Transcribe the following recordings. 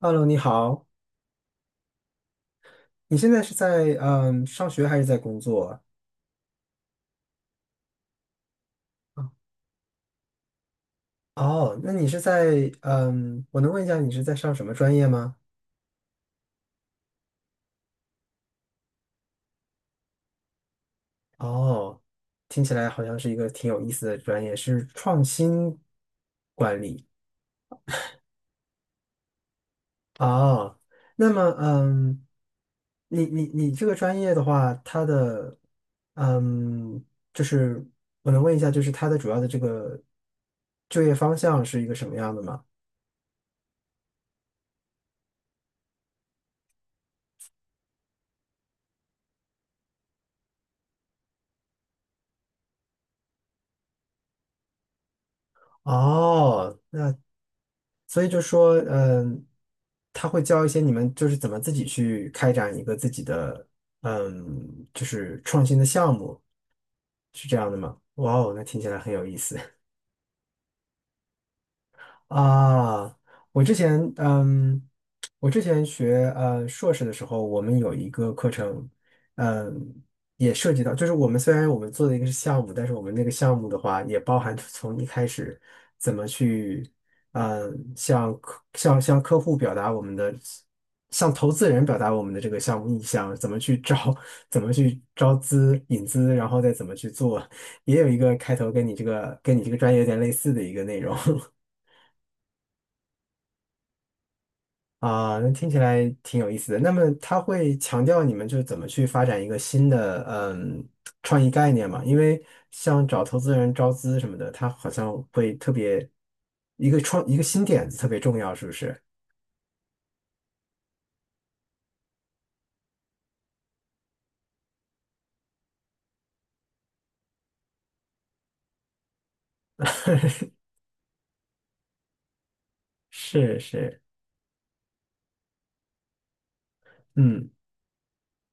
Hello，你好，你现在是在上学还是在工作？哦，那你是在我能问一下你是在上什么专业吗？哦，听起来好像是一个挺有意思的专业，是创新管理。哦，那么你这个专业的话，它的嗯，就是我能问一下，就是它的主要的这个就业方向是一个什么样的吗？哦。所以就说，他会教一些你们就是怎么自己去开展一个自己的，就是创新的项目，是这样的吗？哇哦，那听起来很有意思。啊，我之前嗯，我之前学硕士的时候，我们有一个课程，嗯，也涉及到，就是我们虽然我们做的一个是项目，但是我们那个项目的话，也包含从一开始怎么去，向客户表达我们的，向投资人表达我们的这个项目意向，怎么去招资引资，然后再怎么去做，也有一个开头跟你这个专业有点类似的一个内容。啊，那听起来挺有意思的。那么他会强调你们就是怎么去发展一个新的创意概念嘛？因为像找投资人招资什么的，他好像会特别一个新点子特别重要，是不是？是是，嗯，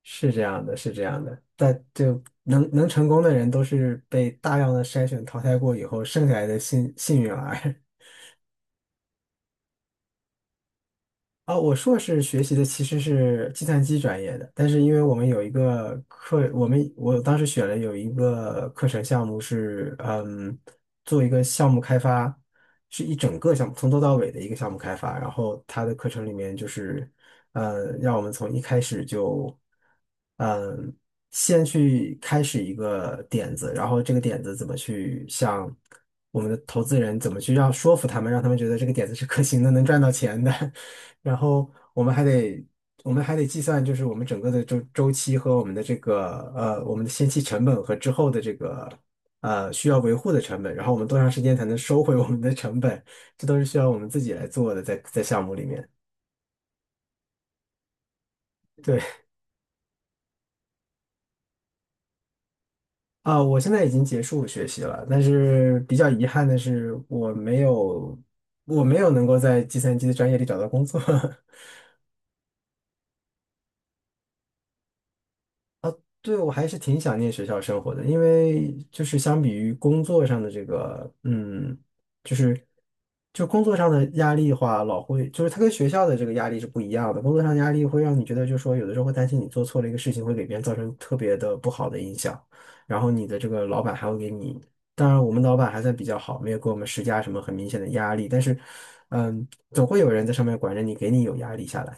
是这样的，是这样的。但就能成功的人都是被大量的筛选淘汰过以后剩下来的幸运儿。啊，我硕士学习的其实是计算机专业的，但是因为我们有一个课，我当时选了有一个课程项目是，做一个项目开发，是一整个项目从头到尾的一个项目开发。然后他的课程里面就是，让我们从一开始就，嗯，先去开始一个点子，然后这个点子怎么去向我们的投资人怎么去让说服他们，让他们觉得这个点子是可行的，能赚到钱的。然后我们还得计算，就是我们整个的周期和我们的这个我们的先期成本和之后的这个需要维护的成本，然后我们多长时间才能收回我们的成本，这都是需要我们自己来做的，在项目里面。对啊，我现在已经结束学习了，但是比较遗憾的是，我没有能够在计算机的专业里找到工作。对，我还是挺想念学校生活的，因为就是相比于工作上的这个，就是就工作上的压力的话，老会就是它跟学校的这个压力是不一样的。工作上的压力会让你觉得，就是说有的时候会担心你做错了一个事情，会给别人造成特别的不好的影响，然后你的这个老板还会给你，当然我们老板还算比较好，没有给我们施加什么很明显的压力，但是，总会有人在上面管着你，给你有压力下来。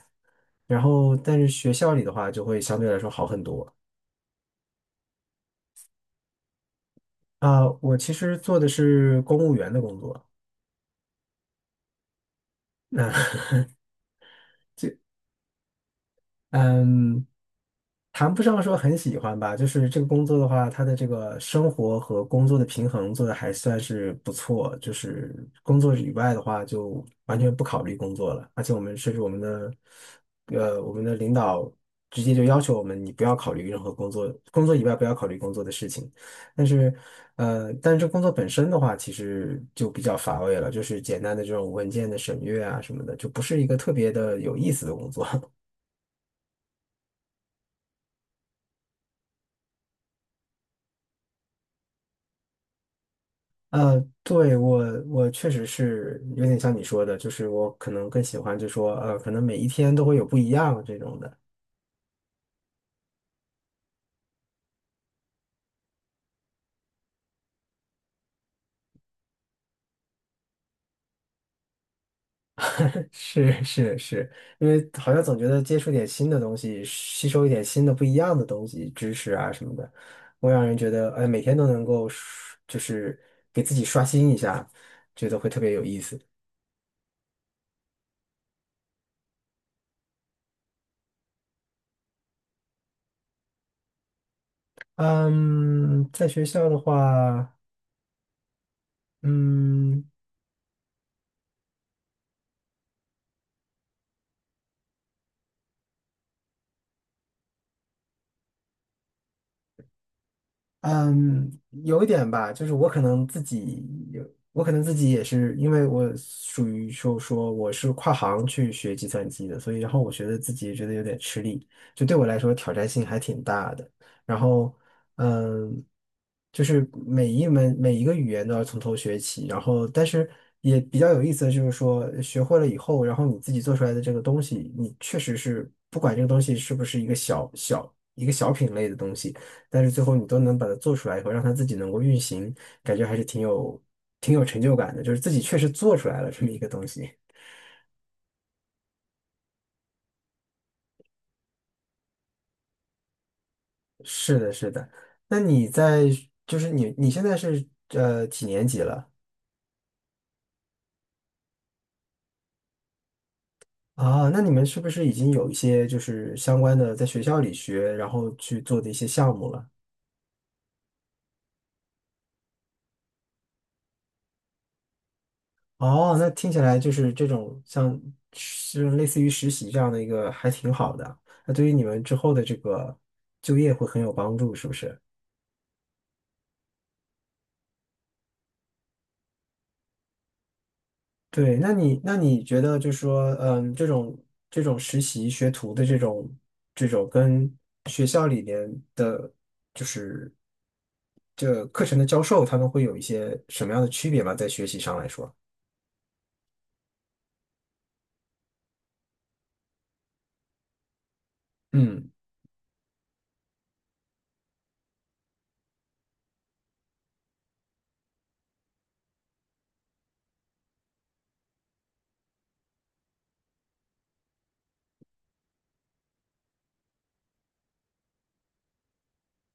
然后，但是学校里的话就会相对来说好很多。啊，我其实做的是公务员的工作。那 嗯，谈不上说很喜欢吧，就是这个工作的话，它的这个生活和工作的平衡做的还算是不错。就是工作以外的话，就完全不考虑工作了。而且我们甚至我们的，呃，我们的领导直接就要求我们，你不要考虑任何工作，工作以外不要考虑工作的事情。但是，但是这工作本身的话，其实就比较乏味了，就是简单的这种文件的审阅啊什么的，就不是一个特别的有意思的工作。对，我确实是有点像你说的，就是我可能更喜欢就说，可能每一天都会有不一样这种的。是是是，因为好像总觉得接触点新的东西，吸收一点新的不一样的东西、知识啊什么的，会让人觉得，哎，每天都能够刷就是给自己刷新一下，觉得会特别有意思。嗯，在学校的话，嗯。嗯，有一点吧，就是有，我可能自己也是，因为我属于说我是跨行去学计算机的，所以然后我觉得自己也觉得有点吃力，就对我来说挑战性还挺大的。然后，嗯，就是每一门每一个语言都要从头学起，然后但是也比较有意思的就是说学会了以后，然后你自己做出来的这个东西，你确实是不管这个东西是不是一个小品类的东西。但是最后你都能把它做出来以后，让它自己能够运行，感觉还是挺有成就感的，就是自己确实做出来了这么一个东西。是的，是的。那你在就是你现在是几年级了啊？那你们是不是已经有一些就是相关的在学校里学，然后去做的一些项目了？哦，那听起来就是这种像是类似于实习这样的一个还挺好的，那对于你们之后的这个就业会很有帮助，是不是？对，那你觉得就是说，这种实习学徒的这种跟学校里面的，就是这课程的教授，他们会有一些什么样的区别吗？在学习上来说，嗯。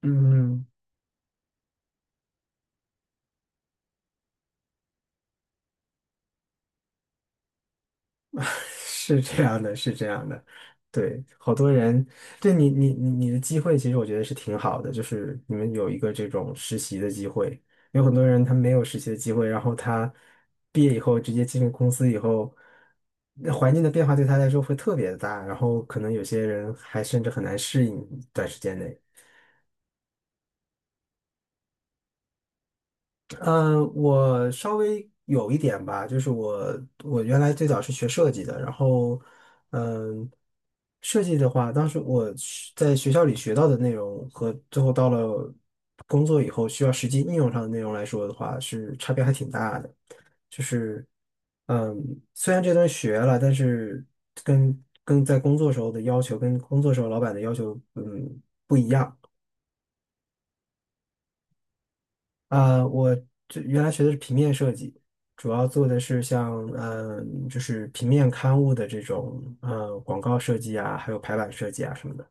嗯。是这样的，是这样的，对，好多人，对你的机会，其实我觉得是挺好的，就是你们有一个这种实习的机会，有很多人他没有实习的机会，然后他毕业以后直接进入公司以后，那环境的变化对他来说会特别的大，然后可能有些人还甚至很难适应短时间内。嗯，我稍微有一点吧，就是我原来最早是学设计的，然后嗯，设计的话，当时我是在学校里学到的内容和最后到了工作以后需要实际应用上的内容来说的话，是差别还挺大的。就是嗯，虽然这东西学了，但是跟在工作时候的要求，跟工作时候老板的要求，嗯，呃，我这原来学的是平面设计，主要做的是像就是平面刊物的这种广告设计啊，还有排版设计啊什么的。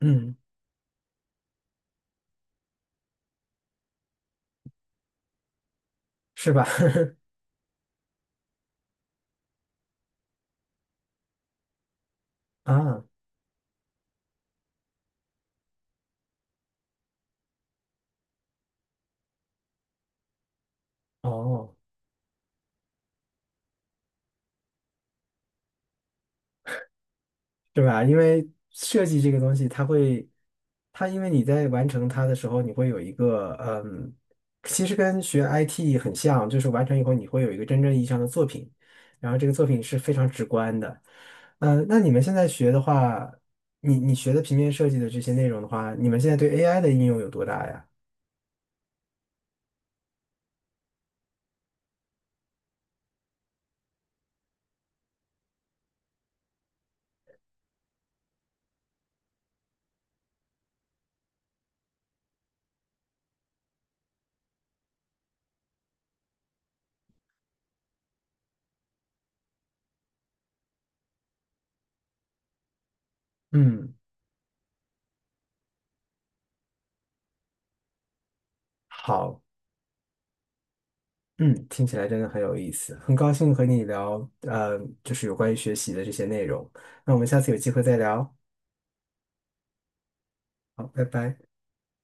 嗯，是吧？啊，哦。对吧？因为设计这个东西，它因为你在完成它的时候，你会有一个，其实跟学 IT 很像，就是完成以后你会有一个真正意义上的作品，然后这个作品是非常直观的。那你们现在学的话，你学的平面设计的这些内容的话，你们现在对 AI 的应用有多大呀？嗯，好，嗯，听起来真的很有意思，很高兴和你聊，就是有关于学习的这些内容。那我们下次有机会再聊，好，拜拜。